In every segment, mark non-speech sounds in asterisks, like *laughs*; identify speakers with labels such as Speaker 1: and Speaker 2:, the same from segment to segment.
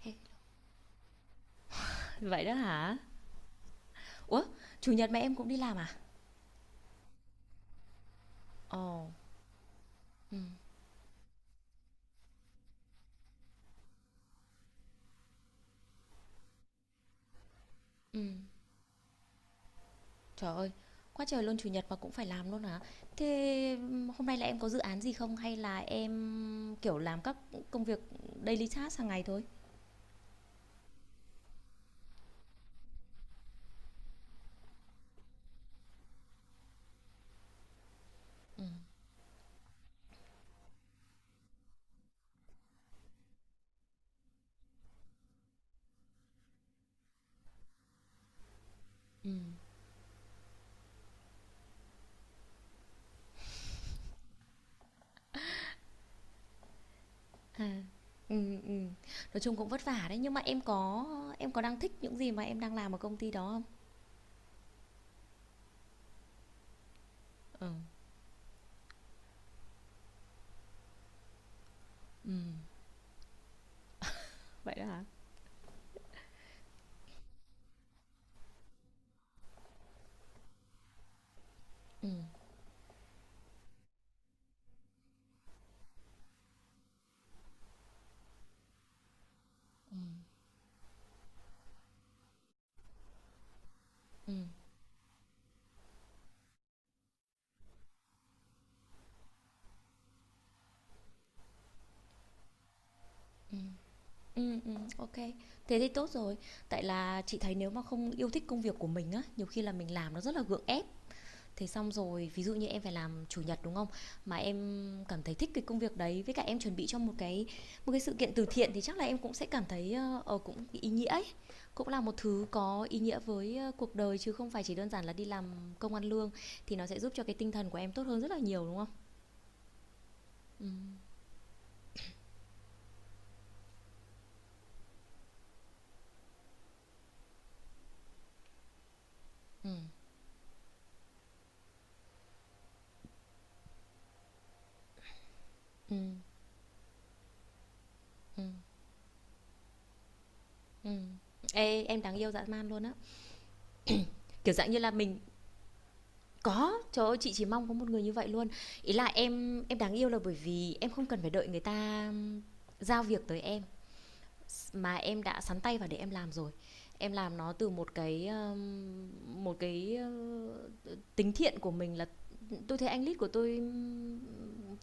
Speaker 1: Hết. Vậy đó hả? Ủa, chủ nhật mà em cũng đi làm à? Ồ, ừm, ừm. Trời ơi, quá trời luôn chủ nhật mà cũng phải làm luôn hả? Thế hôm nay là em có dự án gì không hay là em kiểu làm các công việc daily task hàng ngày thôi? Ừm, ừm. Ừm, ừm. Nói chung cũng vất vả đấy, nhưng mà em có đang thích những gì mà em đang làm ở công ty đó không? Ừ. Ừm. Vậy đó hả? Ừm, ừm, ừm, ừm. Ô. Thế thì tốt rồi. Tại là chị thấy nếu mà không yêu thích công việc của mình á, nhiều khi là mình làm nó rất là gượng ép. Thế xong rồi ví dụ như em phải làm chủ nhật, đúng không? Mà em cảm thấy thích cái công việc đấy, với cả em chuẩn bị cho một sự kiện từ thiện thì chắc là em cũng sẽ cảm thấy, ơ, ờ, cũng ý nghĩa ấy, cũng là một thứ có ý nghĩa với, ơ, cuộc đời, chứ không phải chỉ đơn giản là đi làm công ăn lương, thì nó sẽ giúp cho cái tinh thần của em tốt hơn rất là nhiều, đúng không? Ừm, ừm, ừm, ừm. Ê, em đáng yêu dã man luôn á. Kiểu, dạng như là mình. Có, trời ơi, chị chỉ mong có một người như vậy luôn. Ý là em đáng yêu là bởi vì em không cần phải đợi người ta giao việc tới em mà em đã sắn tay vào để em làm rồi. Em làm nó từ một cái tính thiện của mình là: tôi thấy anh lead của tôi um,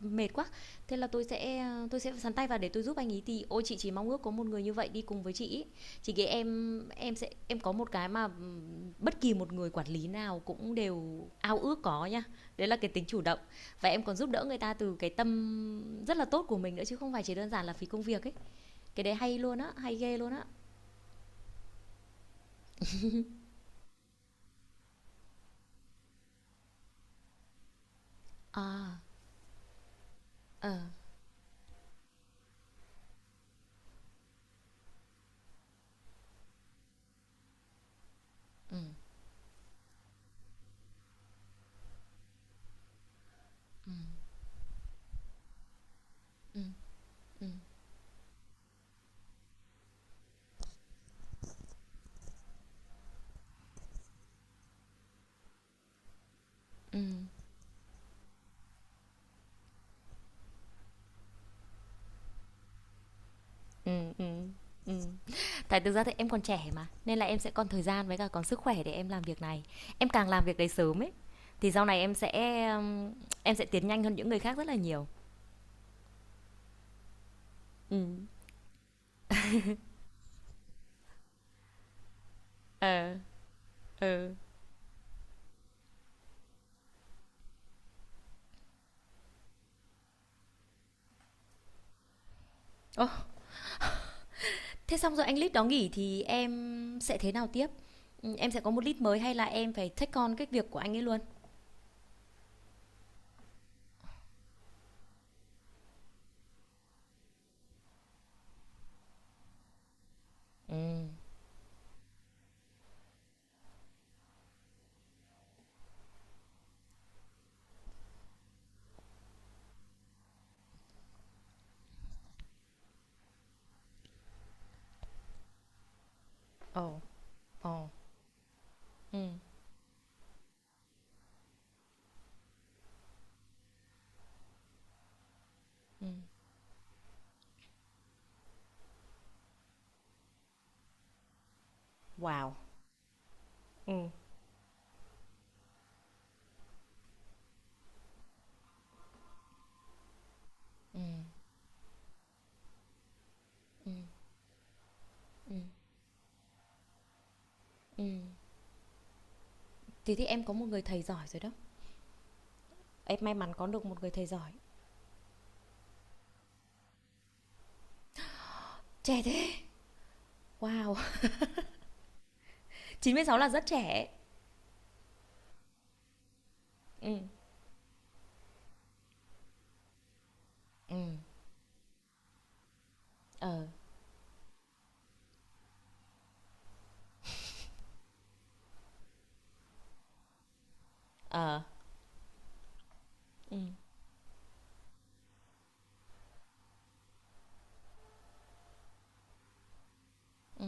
Speaker 1: Mệt quá. Thế là tôi sẽ sắn tay vào để tôi giúp anh ấy. Thì ôi, chị chỉ mong ước có một người như vậy đi cùng với chị ý. Chị nghĩ em sẽ em có một cái mà bất kỳ một người quản lý nào cũng đều ao ước có nha. Đấy là cái tính chủ động. Và em còn giúp đỡ người ta từ cái tâm rất là tốt của mình nữa, chứ không phải chỉ đơn giản là phí công việc ấy. Cái đấy hay luôn á, hay ghê luôn á. À, ờ, ừm, ừm, ừm, ừm, ừm. Tại thực ra thì em còn trẻ mà, nên là em sẽ còn thời gian với cả còn sức khỏe để em làm việc này. Em càng làm việc đấy sớm ấy, thì sau này em sẽ tiến nhanh hơn những người khác rất là nhiều. Ừm, ờ, ừ. Ô, thế xong rồi anh lead đó nghỉ thì em sẽ thế nào tiếp? Em sẽ có một lead mới hay là em phải take on cái việc của anh ấy luôn? Ừm. Ồ, ồ. Ừm, ừm. Wow. Ừm. Ừm, ừm. Thế thì em có một người thầy giỏi rồi đó. Em may mắn có được một người thầy giỏi. Trẻ thế. Wow, *laughs* chín mươi sáu là rất trẻ. Ừ. Ừ. Ờ. Ờ. Ừ. Ừ.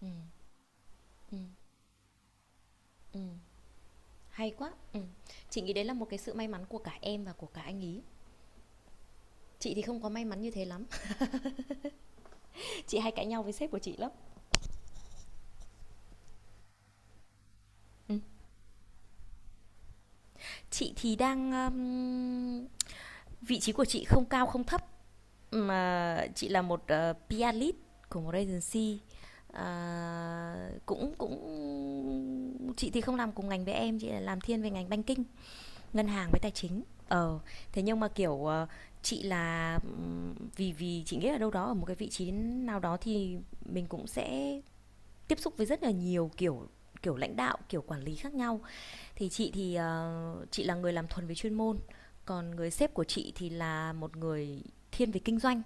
Speaker 1: Ừ. Ừ. Ừ. Hay quá. Ừ. Chị nghĩ đấy là một cái sự may mắn của cả em và của cả anh ý. Chị thì không có may mắn như thế lắm. *laughs* Chị hay cãi nhau với sếp của chị lắm. Ừ. Chị thì đang vị trí của chị không cao không thấp, mà chị là một PR lead của một agency. À, cũng cũng chị thì không làm cùng ngành với em, chị là làm thiên về ngành banking, ngân hàng với tài chính. Ờ, thế nhưng mà, kiểu, chị là, vì vì chị nghĩ là đâu đó ở một cái vị trí nào đó thì mình cũng sẽ tiếp xúc với rất là nhiều kiểu kiểu lãnh đạo, kiểu quản lý khác nhau. Thì chị là người làm thuần về chuyên môn, còn người sếp của chị thì là một người thiên về kinh doanh.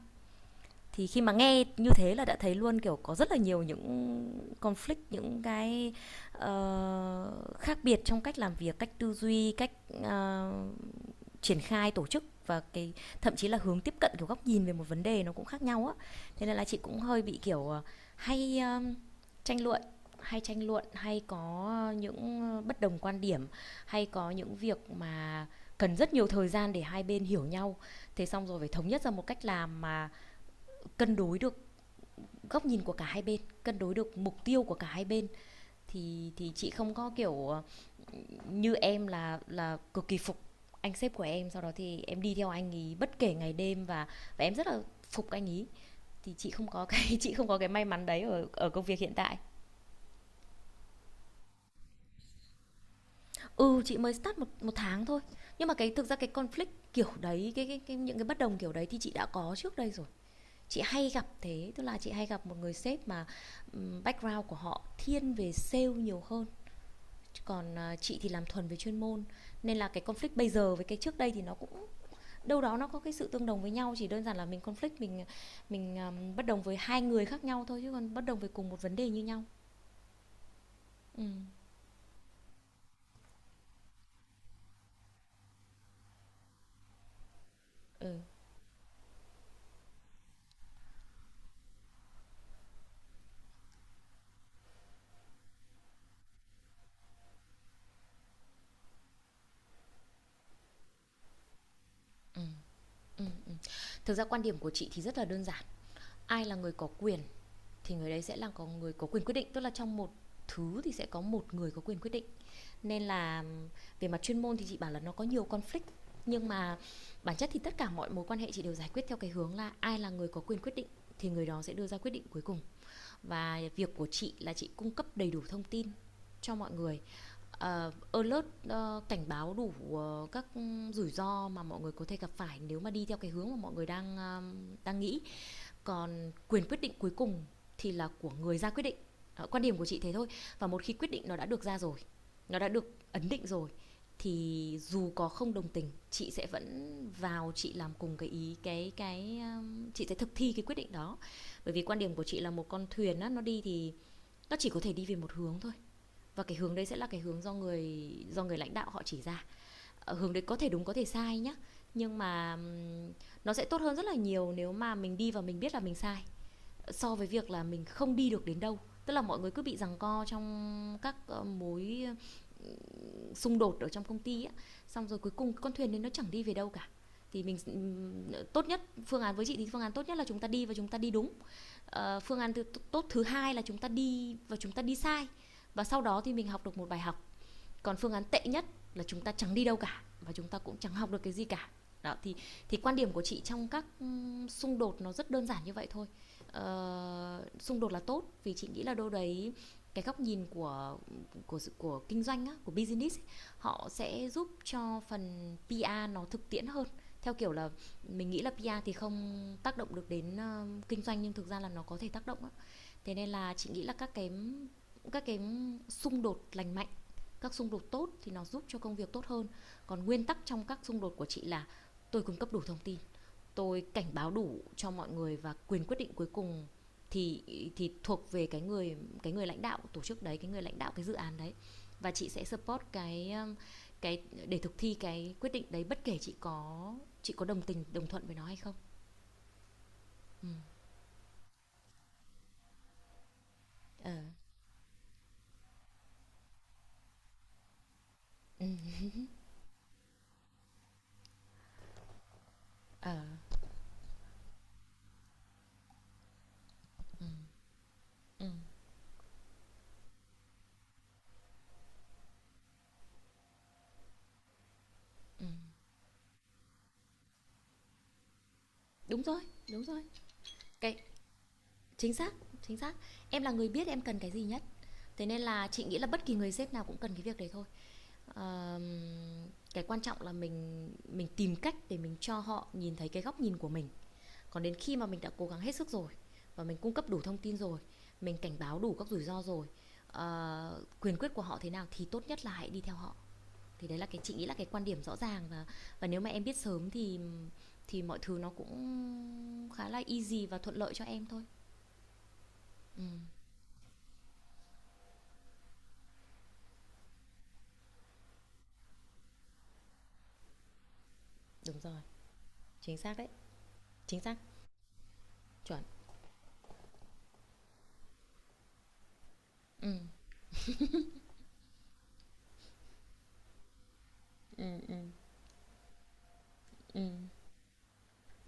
Speaker 1: Thì khi mà nghe như thế là đã thấy luôn, kiểu, có rất là nhiều những conflict, những cái, khác biệt trong cách làm việc, cách tư duy, cách, ờ, triển khai tổ chức, và cái thậm chí là hướng tiếp cận, kiểu góc nhìn về một vấn đề nó cũng khác nhau á. Thế nên là chị cũng hơi bị kiểu hay tranh luận tranh luận hay có những bất đồng quan điểm, hay có những việc mà cần rất nhiều thời gian để hai bên hiểu nhau. Thế xong rồi phải thống nhất ra một cách làm mà cân đối được góc nhìn của cả hai bên, cân đối được mục tiêu của cả hai bên. Thì chị không có kiểu như em là cực kỳ phục anh sếp của em, sau đó thì em đi theo anh ý bất kể ngày đêm và em rất là phục anh ý. Thì chị không có cái *laughs* chị không có cái may mắn đấy ở ở công việc hiện tại. Ừ, chị mới start một một tháng thôi, nhưng mà cái thực ra cái conflict kiểu đấy, cái những cái bất đồng kiểu đấy thì chị đã có trước đây rồi. Chị hay gặp thế, tức là chị hay gặp một người sếp mà background của họ thiên về sale nhiều hơn, còn chị thì làm thuần về chuyên môn. Nên là cái conflict bây giờ với cái trước đây thì nó cũng đâu đó nó có cái sự tương đồng với nhau, chỉ đơn giản là mình conflict, mình bất đồng với hai người khác nhau thôi, chứ còn bất đồng về cùng một vấn đề như nhau. Ừ, ừ, ừ, ừ. Thực ra quan điểm của chị thì rất là đơn giản: ai là người có quyền thì người đấy sẽ là có người có quyền quyết định. Tức là trong một thứ thì sẽ có một người có quyền quyết định. Nên là về mặt chuyên môn thì chị bảo là nó có nhiều conflict, nhưng mà bản chất thì tất cả mọi mối quan hệ chị đều giải quyết theo cái hướng là ai là người có quyền quyết định thì người đó sẽ đưa ra quyết định cuối cùng. Và việc của chị là chị cung cấp đầy đủ thông tin cho mọi người, alert, cảnh báo đủ các rủi ro mà mọi người có thể gặp phải nếu mà đi theo cái hướng mà mọi người đang nghĩ. Còn quyền quyết định cuối cùng thì là của người ra quyết định. Đó, quan điểm của chị thế thôi. Và một khi quyết định nó đã được ra rồi, nó đã được ấn định rồi, thì dù có không đồng tình chị sẽ vẫn vào chị làm cùng cái ý, cái chị sẽ thực thi cái quyết định đó. Bởi vì quan điểm của chị là một con thuyền á, nó đi thì nó chỉ có thể đi về một hướng thôi, và cái hướng đấy sẽ là cái hướng do người lãnh đạo họ chỉ ra. Hướng đấy có thể đúng có thể sai nhá, nhưng mà nó sẽ tốt hơn rất là nhiều nếu mà mình đi và mình biết là mình sai, so với việc là mình không đi được đến đâu. Tức là mọi người cứ bị giằng co trong các mối ờ, xung đột ở trong công ty á, xong rồi cuối cùng con thuyền đấy nó chẳng đi về đâu cả. Thì mình tốt nhất, phương án với chị thì phương án tốt nhất là chúng ta đi và chúng ta đi đúng. Phương án tốt thứ hai là chúng ta đi và chúng ta đi sai, và sau đó thì mình học được một bài học. Còn phương án tệ nhất là chúng ta chẳng đi đâu cả và chúng ta cũng chẳng học được cái gì cả. Đó, thì quan điểm của chị trong các xung đột nó rất đơn giản như vậy thôi. Xung đột là tốt, vì chị nghĩ là đâu đấy cái góc nhìn của của kinh doanh á, của business ấy, họ sẽ giúp cho phần PR nó thực tiễn hơn. Theo kiểu là mình nghĩ là PR thì không tác động được đến kinh doanh, nhưng thực ra là nó có thể tác động á. Thế nên là chị nghĩ là các cái xung đột lành mạnh, các xung đột tốt thì nó giúp cho công việc tốt hơn. Còn nguyên tắc trong các xung đột của chị là: tôi cung cấp đủ thông tin, tôi cảnh báo đủ cho mọi người, và quyền quyết định cuối cùng thì thì thuộc về cái người lãnh đạo tổ chức đấy, cái người lãnh đạo cái dự án đấy. Và chị sẽ support cái để thực thi cái quyết định đấy, bất kể chị có đồng tình đồng thuận với nó hay không. Ờ, ừ. *laughs* Ờ, ừ. Đúng rồi, đúng rồi. Cái, chính xác, chính xác. Em là người biết em cần cái gì nhất. Thế nên là chị nghĩ là bất kỳ người sếp nào cũng cần cái việc đấy thôi. Ờm, cái quan trọng là mình tìm cách để mình cho họ nhìn thấy cái góc nhìn của mình. Còn đến khi mà mình đã cố gắng hết sức rồi và mình cung cấp đủ thông tin rồi, mình cảnh báo đủ các rủi ro rồi, quyền quyết của họ thế nào thì tốt nhất là hãy đi theo họ. Thì đấy là cái chị nghĩ là cái quan điểm rõ ràng, và nếu mà em biết sớm thì mọi thứ nó cũng khá là easy và thuận lợi cho em thôi. Ừ, đúng rồi. Chính xác đấy, chính xác. Chuẩn. Ừ, ừ, ừ, ừ,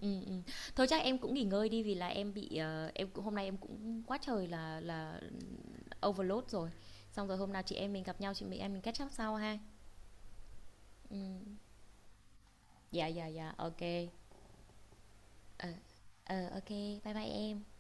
Speaker 1: ừ, ừ. Thôi chắc em cũng nghỉ ngơi đi, vì là em bị em cũng, hôm nay em cũng quá trời là overload rồi. Xong rồi hôm nào chị em mình gặp nhau, chị mình em mình catch up sau ha. Ừ. Dạ, dạ, dạ, ok. Ờ, ờ, ok. Bye bye em.